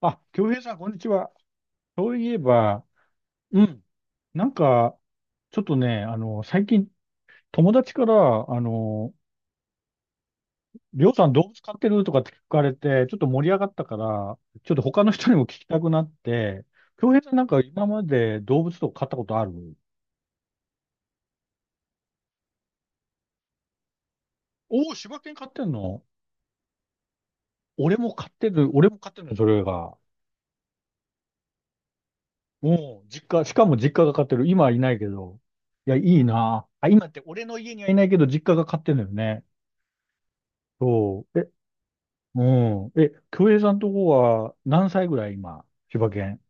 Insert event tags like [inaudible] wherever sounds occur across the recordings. あ、京平さん、こんにちは。そういえば、うん。なんか、ちょっとね、最近、友達から、りょうさん動物飼ってるとかって聞かれて、ちょっと盛り上がったから、ちょっと他の人にも聞きたくなって、京平さんなんか今まで動物とか飼ったことある？おおー、柴犬飼ってんの？俺も飼ってるの、それが。もう、実家、しかも実家が飼ってる。今はいないけど。いや、いいな。あ、今って俺の家にはいないけど、実家が飼ってるのよね。そう。うん。え、京平さんとこは何歳ぐらい今、千葉県。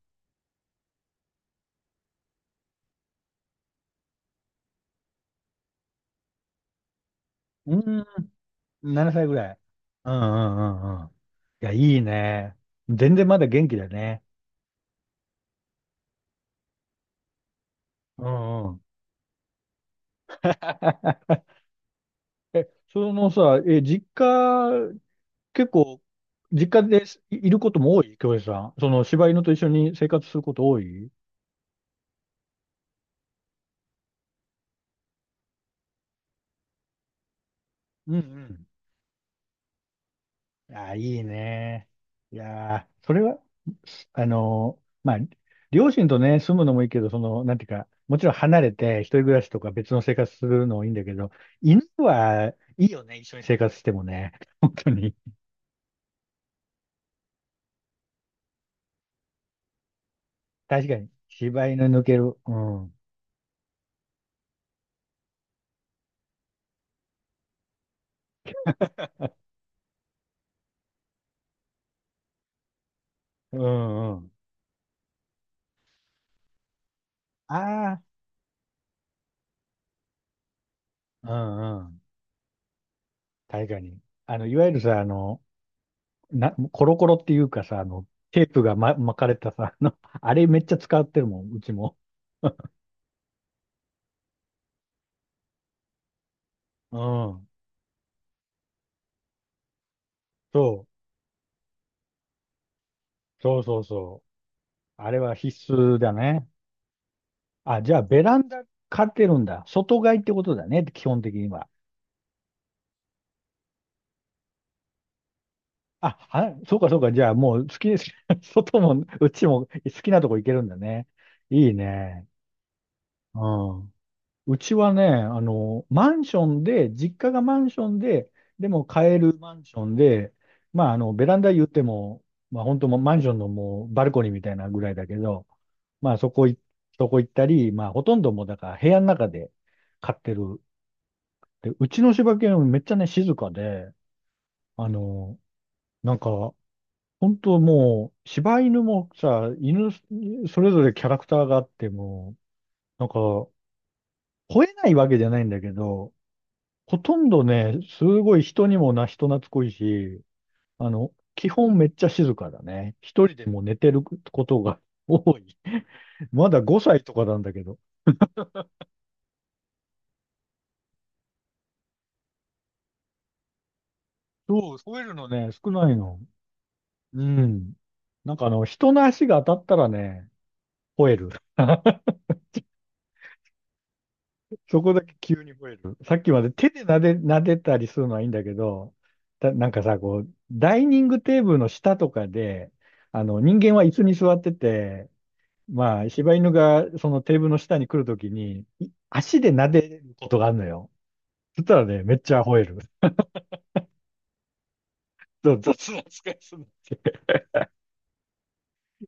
うーん、7歳ぐらい。うんうんうんうん。いや、いいね。全然まだ元気だね。うんうん。え、そのさ、え、実家、結構、実家ですいいることも多い京平さん。その、柴犬と一緒に生活すること多い？うんうん。いやー、いいね。いやー、それは、あのーまあ、両親とね、住むのもいいけど、その、なんていうか、もちろん離れて、一人暮らしとか別の生活するのもいいんだけど、犬はいいよね、一緒に生活してもね。[laughs] 本当に。確かに。柴犬抜ける。うん。うんうん。ああ、うんうん。確かに。いわゆるさ、な、コロコロっていうかさ、テープが、ま、巻かれたさ、あの、あれめっちゃ使ってるもん、うちも。[laughs] うん。そう。そうそうそう。あれは必須だね。あ、じゃあベランダ買ってるんだ。外買いってことだね、基本的には。あ、は、そうかそうか。じゃあもう好きです。[laughs] 外も、うちも好きなとこ行けるんだね。いいね。うん。うちはね、あの、マンションで、実家がマンションで、でも買えるマンションで、まあ、あの、ベランダ言っても、まあ、本当もうマンションのもうバルコニーみたいなぐらいだけど、まあ、そこい、そこ行ったり、まあ、ほとんどもうだから部屋の中で飼ってる。で、うちの柴犬めっちゃね、静かで、あの、なんか、本当もう、柴犬もさ、犬、それぞれキャラクターがあっても、なんか、吠えないわけじゃないんだけど、ほとんどね、すごい人にもな、人懐っこいし、あの、基本めっちゃ静かだね。一人でも寝てることが多い。[laughs] まだ5歳とかなんだけど。そう、吠えるのね、少ないの。うん。なんかあの、人の足が当たったらね、吠える。[laughs] そこだけ急に吠える。さっきまで手で撫でたりするのはいいんだけど、だ、なんかさ、こう、ダイニングテーブルの下とかで、あの、人間は椅子に座ってて、まあ、柴犬がそのテーブルの下に来るときに、い足で撫でることがあるのよ。そしたらね、めっちゃ吠える。そう雑な扱いする。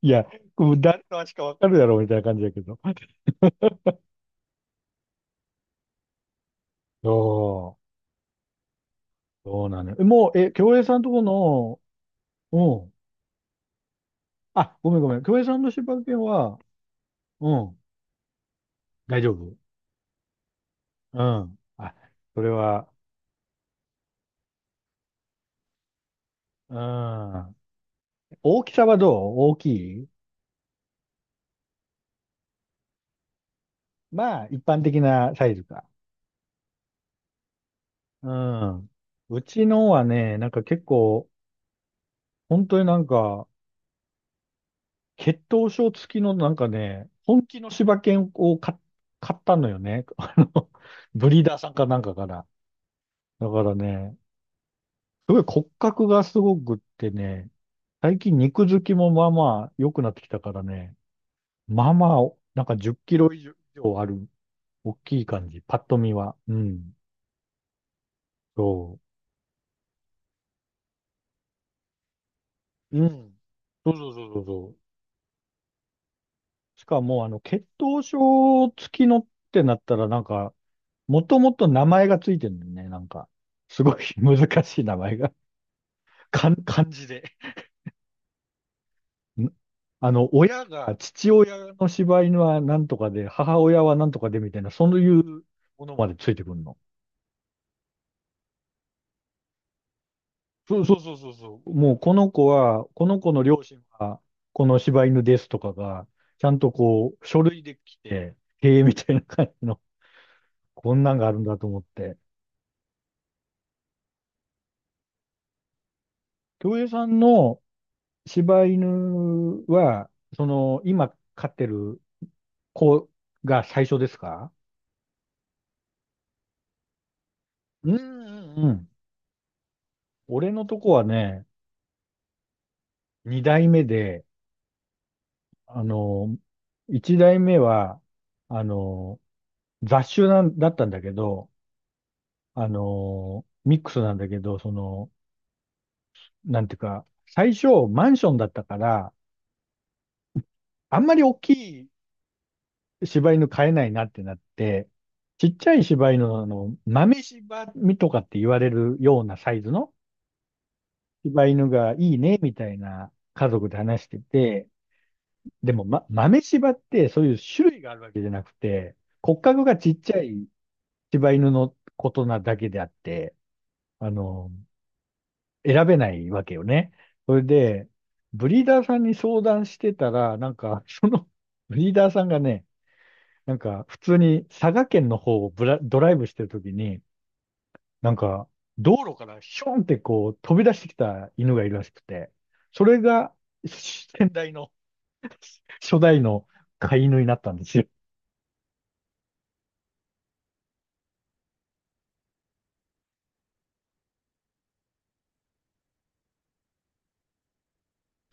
いや、こう誰の足かわかるやろ、みたいな感じだけど。そう、そうなのよ。えもう、え、京平さんとこの、うん。あ、ごめんごめん。京平さんの柴犬は、うん、大丈夫。うん。あ、それは、うん。大きさはどう？大きい？まあ、一般的なサイズか。うん。うちのはね、なんか結構、本当になんか、血統書付きのなんかね、本気の柴犬を買ったのよね。[laughs] あの、ブリーダーさんかなんかから。だからね、すごい骨格がすごくってね、最近肉付きもまあまあ良くなってきたからね、まあまあ、なんか10キロ以上ある、大きい感じ、パッと見は。うん。そう。うん。そうそうそうそうそう。しかも、あの、血統書付きのってなったら、なんか、もともと名前がついてるんだよね。なんか、すごい [laughs] 難しい名前が。かん、漢字で。んあの、親が、父親の柴犬はなんとかで、母親はなんとかでみたいな、そういうものまでついてくるの。そうそうそうそうそう。もうこの子は、この子の両親は、この柴犬ですとかが、ちゃんとこう、書類で来て、へえ、みたいな感じの、こんなんがあるんだと思って。京平さんの柴犬は、その、今飼ってるこうが最初ですか？うんうんうん。俺のとこはね、二代目で、あの、一代目は、あの、雑種なんだったんだけど、あの、ミックスなんだけど、その、なんていうか、最初マンションだったから、あんまり大きい柴犬飼えないなってなって、ちっちゃい柴犬の、あの、豆柴みとかって言われるようなサイズの柴犬がいいね、みたいな家族で話してて、でも、ま、豆柴ってそういう種類があるわけじゃなくて、骨格がちっちゃい柴犬のことなだけであって、あの、選べないわけよね。それで、ブリーダーさんに相談してたら、なんか、その [laughs] ブリーダーさんがね、なんか、普通に佐賀県の方をブラ、ドライブしてるときに、なんか、道路からションってこう飛び出してきた犬がいるらしくて、それが先代の初代の飼い犬になったんですよ。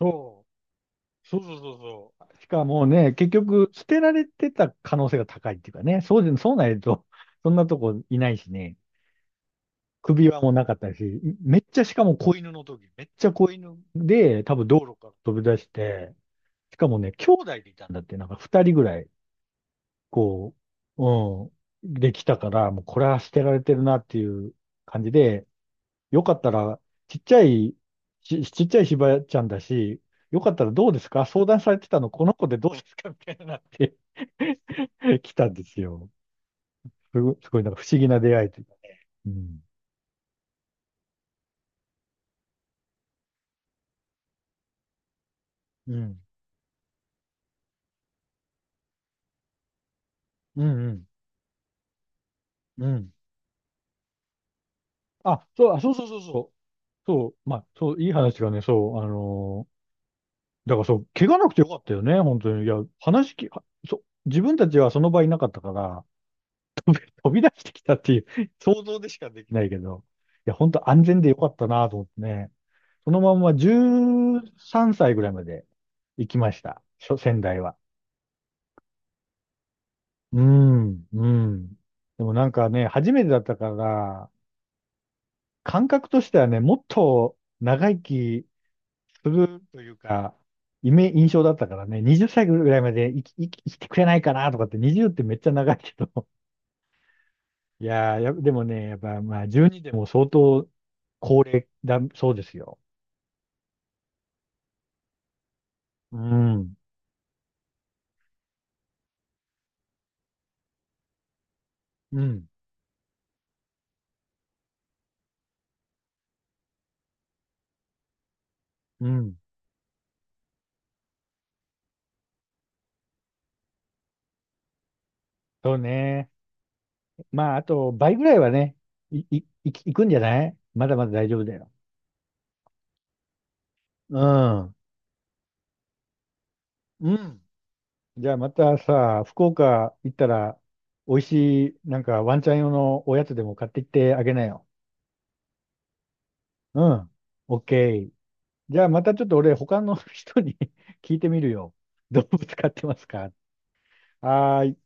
そうそうそうそうそしかもね、結局、捨てられてた可能性が高いっていうかね、そうで、そうないと、[laughs] そんなとこいないしね、首輪もなかったし、めっちゃ、しかも子犬の時、めっちゃ子犬で、多分道路から飛び出して、しかもね、兄弟でいたんだって、なんか二人ぐらい、こう、うん、できたから、もうこれは捨てられてるなっていう感じで、よかったら、ちっちゃい、ち、ちっちゃいしばちゃんだし、よかったらどうですか相談されてたの、この子でどうですかみたいになって [laughs] 来たんですよ。すごいなんか不思議な出会いというか。うん。うん。うん、うん、うん。あ、そう、あ、そうそうそうそう。そう、まあ、そう、いい話がね、そう、だからそう、怪我なくてよかったよね、本当に。いや、話き、はそう、自分たちはその場いなかったから、飛び出してきたっていう [laughs] 想像でしかできないけど、いや、本当安全でよかったなと思ってね。そのまんま13歳ぐらいまで行きました。しょ仙台は。うん、うん。でもなんかね、初めてだったから、感覚としてはね、もっと長生きするというか、イメ、印象だったからね、20歳ぐらいまで生きてくれないかなとかって、20ってめっちゃ長いけど。[laughs] いやー、や、でもね、やっぱまあ12でも相当高齢だ、そうですよ。うん、うん、うん。そうね。まあ、あと倍ぐらいはね、い、い、い、行くんじゃない？まだまだ大丈夫だよ。うん。うん。じゃあまたさ、福岡行ったら、美味しい、なんかワンちゃん用のおやつでも買ってきてあげなよ。うん。オッケー。じゃあまたちょっと俺、他の人に [laughs] 聞いてみるよ。動物飼ってますか？あーい